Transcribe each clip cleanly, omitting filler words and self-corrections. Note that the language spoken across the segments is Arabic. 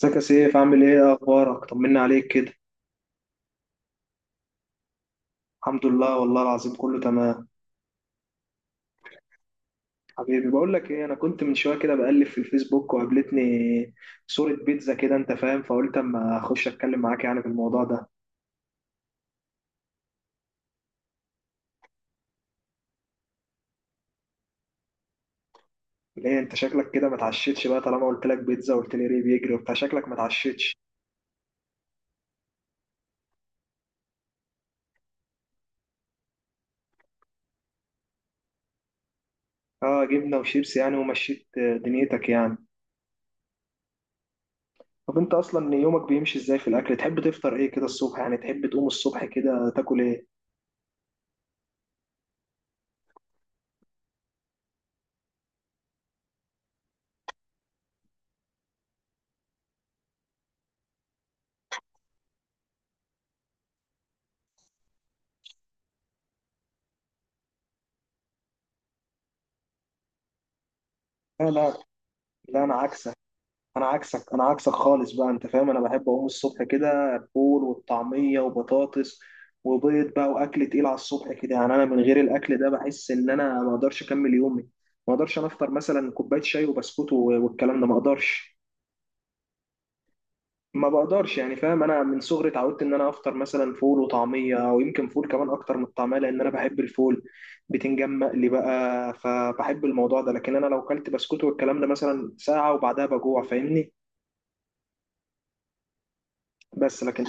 ازيك يا سيف، عامل ايه؟ إيه اخبارك؟ طمنا عليك كده. الحمد لله والله العظيم كله تمام. حبيبي بقول لك ايه، انا كنت من شويه كده بقلب في الفيسبوك وقابلتني صوره بيتزا كده، انت فاهم، فقلت اما اخش اتكلم معاك يعني في الموضوع ده. ليه انت شكلك كده ما اتعشتش بقى؟ طالما قلت لك بيتزا وقلت لي ريه بيجري وبتاع، شكلك ما اتعشتش. اه، جبنه وشيبس يعني ومشيت، دنيتك يعني. طب انت اصلا يومك بيمشي ازاي في الاكل؟ تحب تفطر ايه كده الصبح يعني؟ تحب تقوم الصبح كده تاكل ايه؟ لا، لا. لا انا عكسك، انا عكسك، انا عكسك خالص بقى، انت فاهم. انا بحب اقوم الصبح كده الفول والطعميه وبطاطس وبيض بقى، واكل تقيل على الصبح كده يعني. انا من غير الاكل ده بحس ان انا ما اقدرش اكمل يومي. ما اقدرش انا افطر مثلا كوبايه شاي وبسكوت والكلام ده، ما اقدرش. ما بقدرش يعني، فاهم، انا من صغري اتعودت ان انا افطر مثلا فول وطعميه او يمكن فول كمان اكتر من الطعميه لان انا بحب الفول بتنجان مقلي بقى، فبحب الموضوع ده. لكن انا لو كلت بسكوت والكلام ده مثلا ساعه وبعدها بجوع، فاهمني. بس لكن.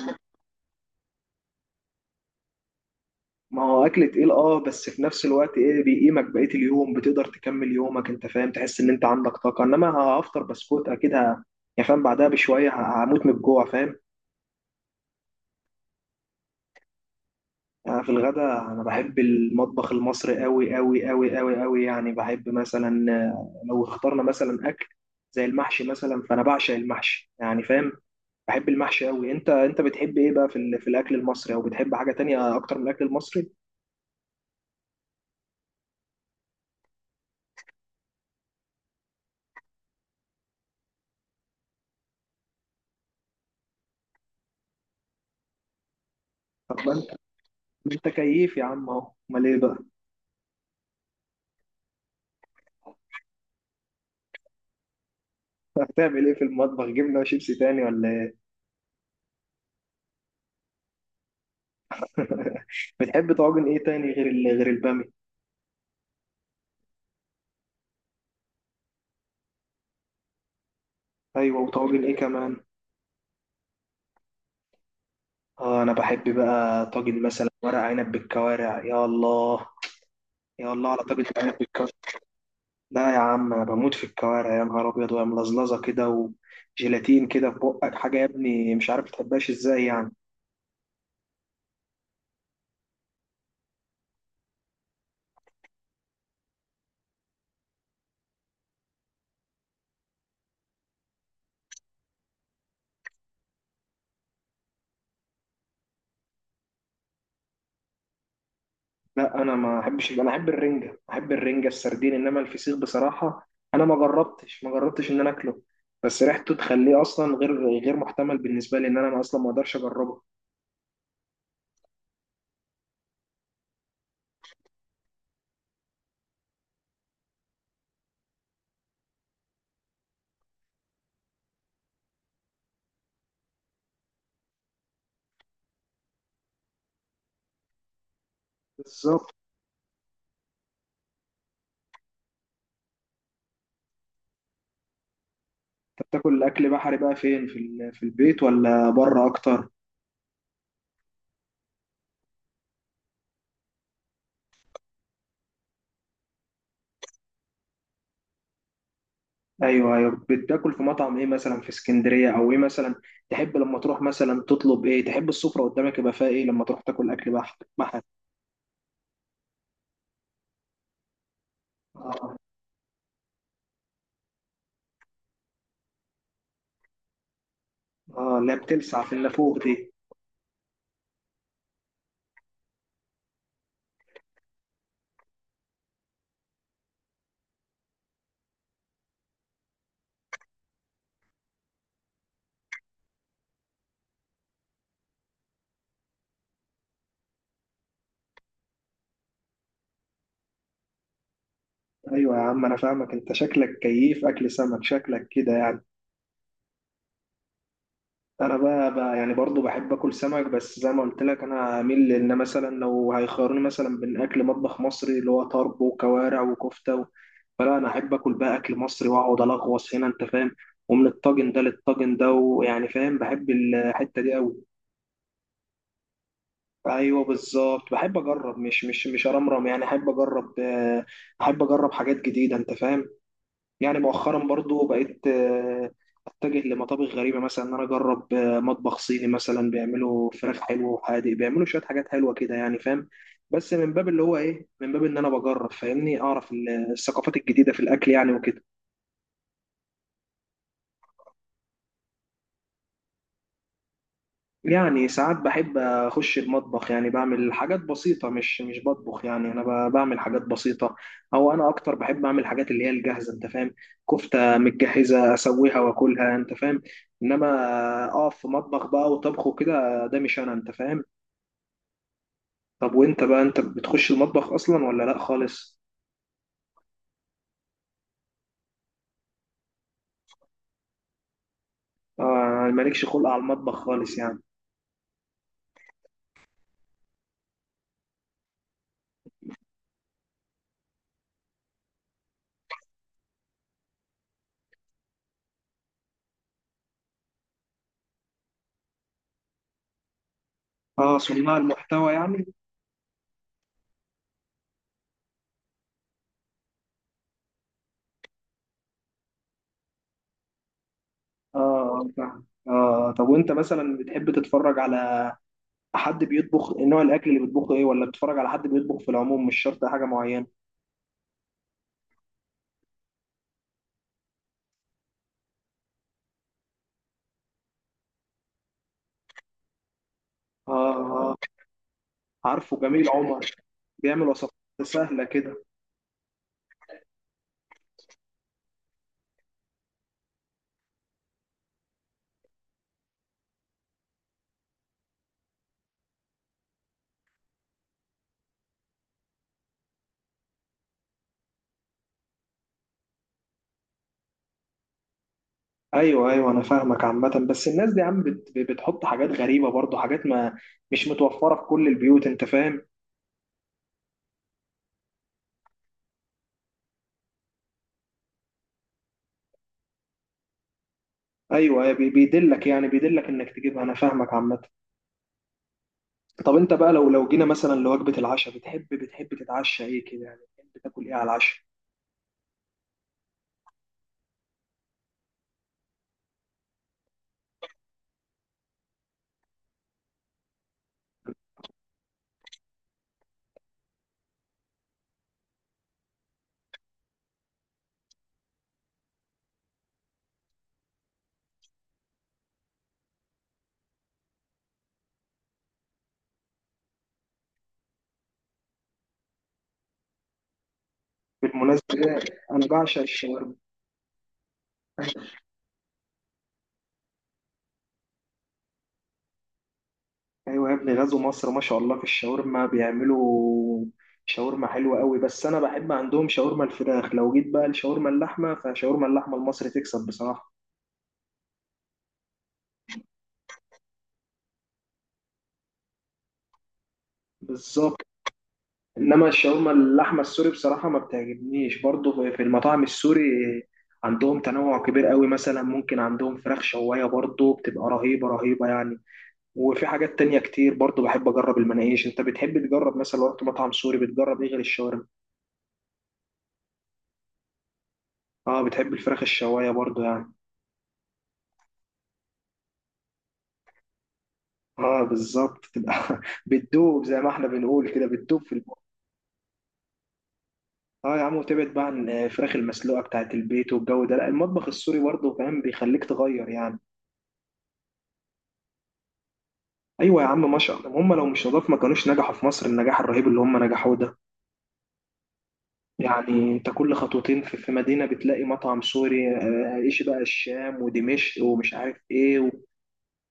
ما هو اكل تقيل، اه، بس في نفس الوقت ايه، بيقيمك بقيه اليوم، بتقدر تكمل يومك، انت فاهم، تحس ان انت عندك طاقه. انما هفطر بسكوت، اكيد، يعني فاهم، بعدها بشويه هموت من الجوع، فاهم. أنا في الغدا، انا بحب المطبخ المصري قوي قوي قوي قوي قوي يعني. بحب مثلا، لو اخترنا مثلا اكل زي المحشي مثلا، فانا بعشق المحشي يعني، فاهم. بحب المحشي قوي. انت انت بتحب ايه بقى في الاكل المصري؟ او بتحب حاجه تانية اكتر من الاكل المصري؟ طب ما انت كيف يا عم اهو، امال ايه بقى؟ هتعمل ايه في المطبخ؟ جبنه وشيبسي تاني ولا ايه؟ بتحب طواجن ايه تاني غير البامي؟ ايوه، وطواجن ايه كمان؟ اه، انا بحب بقى طاجن مثلا ورق عنب بالكوارع، يا الله. يا الله على طاجن عنب بالكوارع! لا يا عم، انا بموت في الكوارع، يا نهار ابيض، وهي ملزلزه كده وجيلاتين كده في بقك. حاجه يا ابني، مش عارف تحبهاش ازاي يعني. لا انا ما احبش، انا احب الرنجه، احب الرنجه السردين، انما الفسيخ بصراحه انا ما جربتش ما جربتش ان انا اكله. بس ريحته تخليه اصلا غير محتمل بالنسبه لي، ان انا اصلا ما اقدرش اجربه. بالظبط. انت بتاكل اكل بحري بقى فين، في البيت ولا بره اكتر؟ ايوه ايوه. بتاكل في مطعم ايه مثلا في اسكندريه، او ايه مثلا؟ تحب لما تروح مثلا تطلب ايه؟ تحب السفره قدامك يبقى فيها ايه لما تروح تاكل اكل بحري بحري؟ اه. اه، اللي هي بتلسع في النافوخ دي. ايوه يا عم، انا فاهمك، انت شكلك كيف اكل سمك، شكلك كده يعني. انا بقى يعني برضو بحب اكل سمك، بس زي ما قلت لك، انا اميل لان مثلا لو هيخيروني مثلا بين اكل مطبخ مصري اللي هو طرب وكوارع وكفته و... فلا انا احب اكل بقى اكل مصري واقعد الغوص هنا، انت فاهم. ومن الطاجن ده للطاجن ده، ويعني فاهم، بحب الحته دي قوي. ايوه بالظبط، بحب اجرب، مش ارمرم يعني، احب اجرب، احب اجرب حاجات جديده، انت فاهم. يعني مؤخرا برضو بقيت، اتجه لمطابخ غريبه، مثلا ان انا اجرب مطبخ صيني مثلا، بيعملوا فراخ حلوه وحادق، بيعملوا شويه حاجات حلوه كده يعني، فاهم. بس من باب اللي هو ايه، من باب ان انا بجرب، فاهمني، اعرف الثقافات الجديده في الاكل يعني، وكده. يعني ساعات بحب اخش المطبخ، يعني بعمل حاجات بسيطه، مش بطبخ يعني، انا بعمل حاجات بسيطه. او انا اكتر بحب اعمل حاجات اللي هي الجاهزه، انت فاهم. كفته متجهزه اسويها واكلها، انت فاهم. انما اقف في مطبخ بقى وطبخ وكده، ده مش انا، انت فاهم. طب وانت بقى، انت بتخش المطبخ اصلا ولا لا خالص؟ آه، مالكش خلق على المطبخ خالص يعني. اه، صناع المحتوى يعني. اه فاهم. اه طب وانت مثلا بتحب تتفرج على حد بيطبخ، نوع الاكل اللي بيطبخه ايه؟ ولا بتتفرج على حد بيطبخ في العموم، مش شرط حاجه معينه؟ اه. اه، عارفه جميل عمر. بيعمل وصفات سهله كده. ايوه ايوه، انا فاهمك عامه، بس الناس دي يا عم بتحط حاجات غريبه برضو، حاجات ما مش متوفره في كل البيوت، انت فاهم. ايوه، أيوة، بيدلك يعني، بيدلك انك تجيبها، انا فاهمك عامه. طب انت بقى لو جينا مثلا لوجبه العشاء، بتحب تتعشى ايه كده يعني؟ بتحب تاكل ايه على العشاء؟ بالمناسبه انا بعشق الشاورما. ايوه يا ابني، غزو مصر ما شاء الله في الشاورما، بيعملوا شاورما حلوه قوي. بس انا بحب عندهم شاورما الفراخ، لو جيت بقى لشاورما اللحمه، فشاورما اللحمه المصري تكسب بصراحه. بالظبط. انما الشاورما اللحمه السوري بصراحه ما بتعجبنيش. برضو في المطاعم السوري عندهم تنوع كبير قوي، مثلا ممكن عندهم فراخ شوايه برضو بتبقى رهيبه رهيبه يعني. وفي حاجات تانية كتير برضو بحب اجرب المناقيش. انت بتحب تجرب مثلا لو رحت مطعم سوري بتجرب ايه غير الشاورما؟ اه، بتحب الفراخ الشوايه برضو يعني. اه بالظبط، تبقى بتدوب زي ما احنا بنقول كده، بتدوب في البق. اه يا عم، وتبعد بقى عن الفراخ المسلوقه بتاعت البيت والجو ده. لا، المطبخ السوري برضه، فاهم، بيخليك تغير يعني. ايوه يا عم ما شاء الله، هم لو مش نضاف ما كانوش نجحوا في مصر النجاح الرهيب اللي هم نجحوه ده. يعني انت كل خطوتين في مدينه بتلاقي مطعم سوري، ايش بقى الشام ودمشق ومش عارف ايه،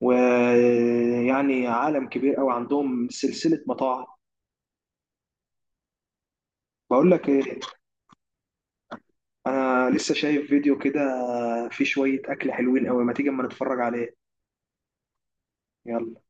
ويعني عالم كبير قوي، عندهم سلسله مطاعم. بقول لك إيه، انا لسه شايف فيديو كده فيه شوية اكل حلوين قوي، ما تيجي اما نتفرج عليه. يلا.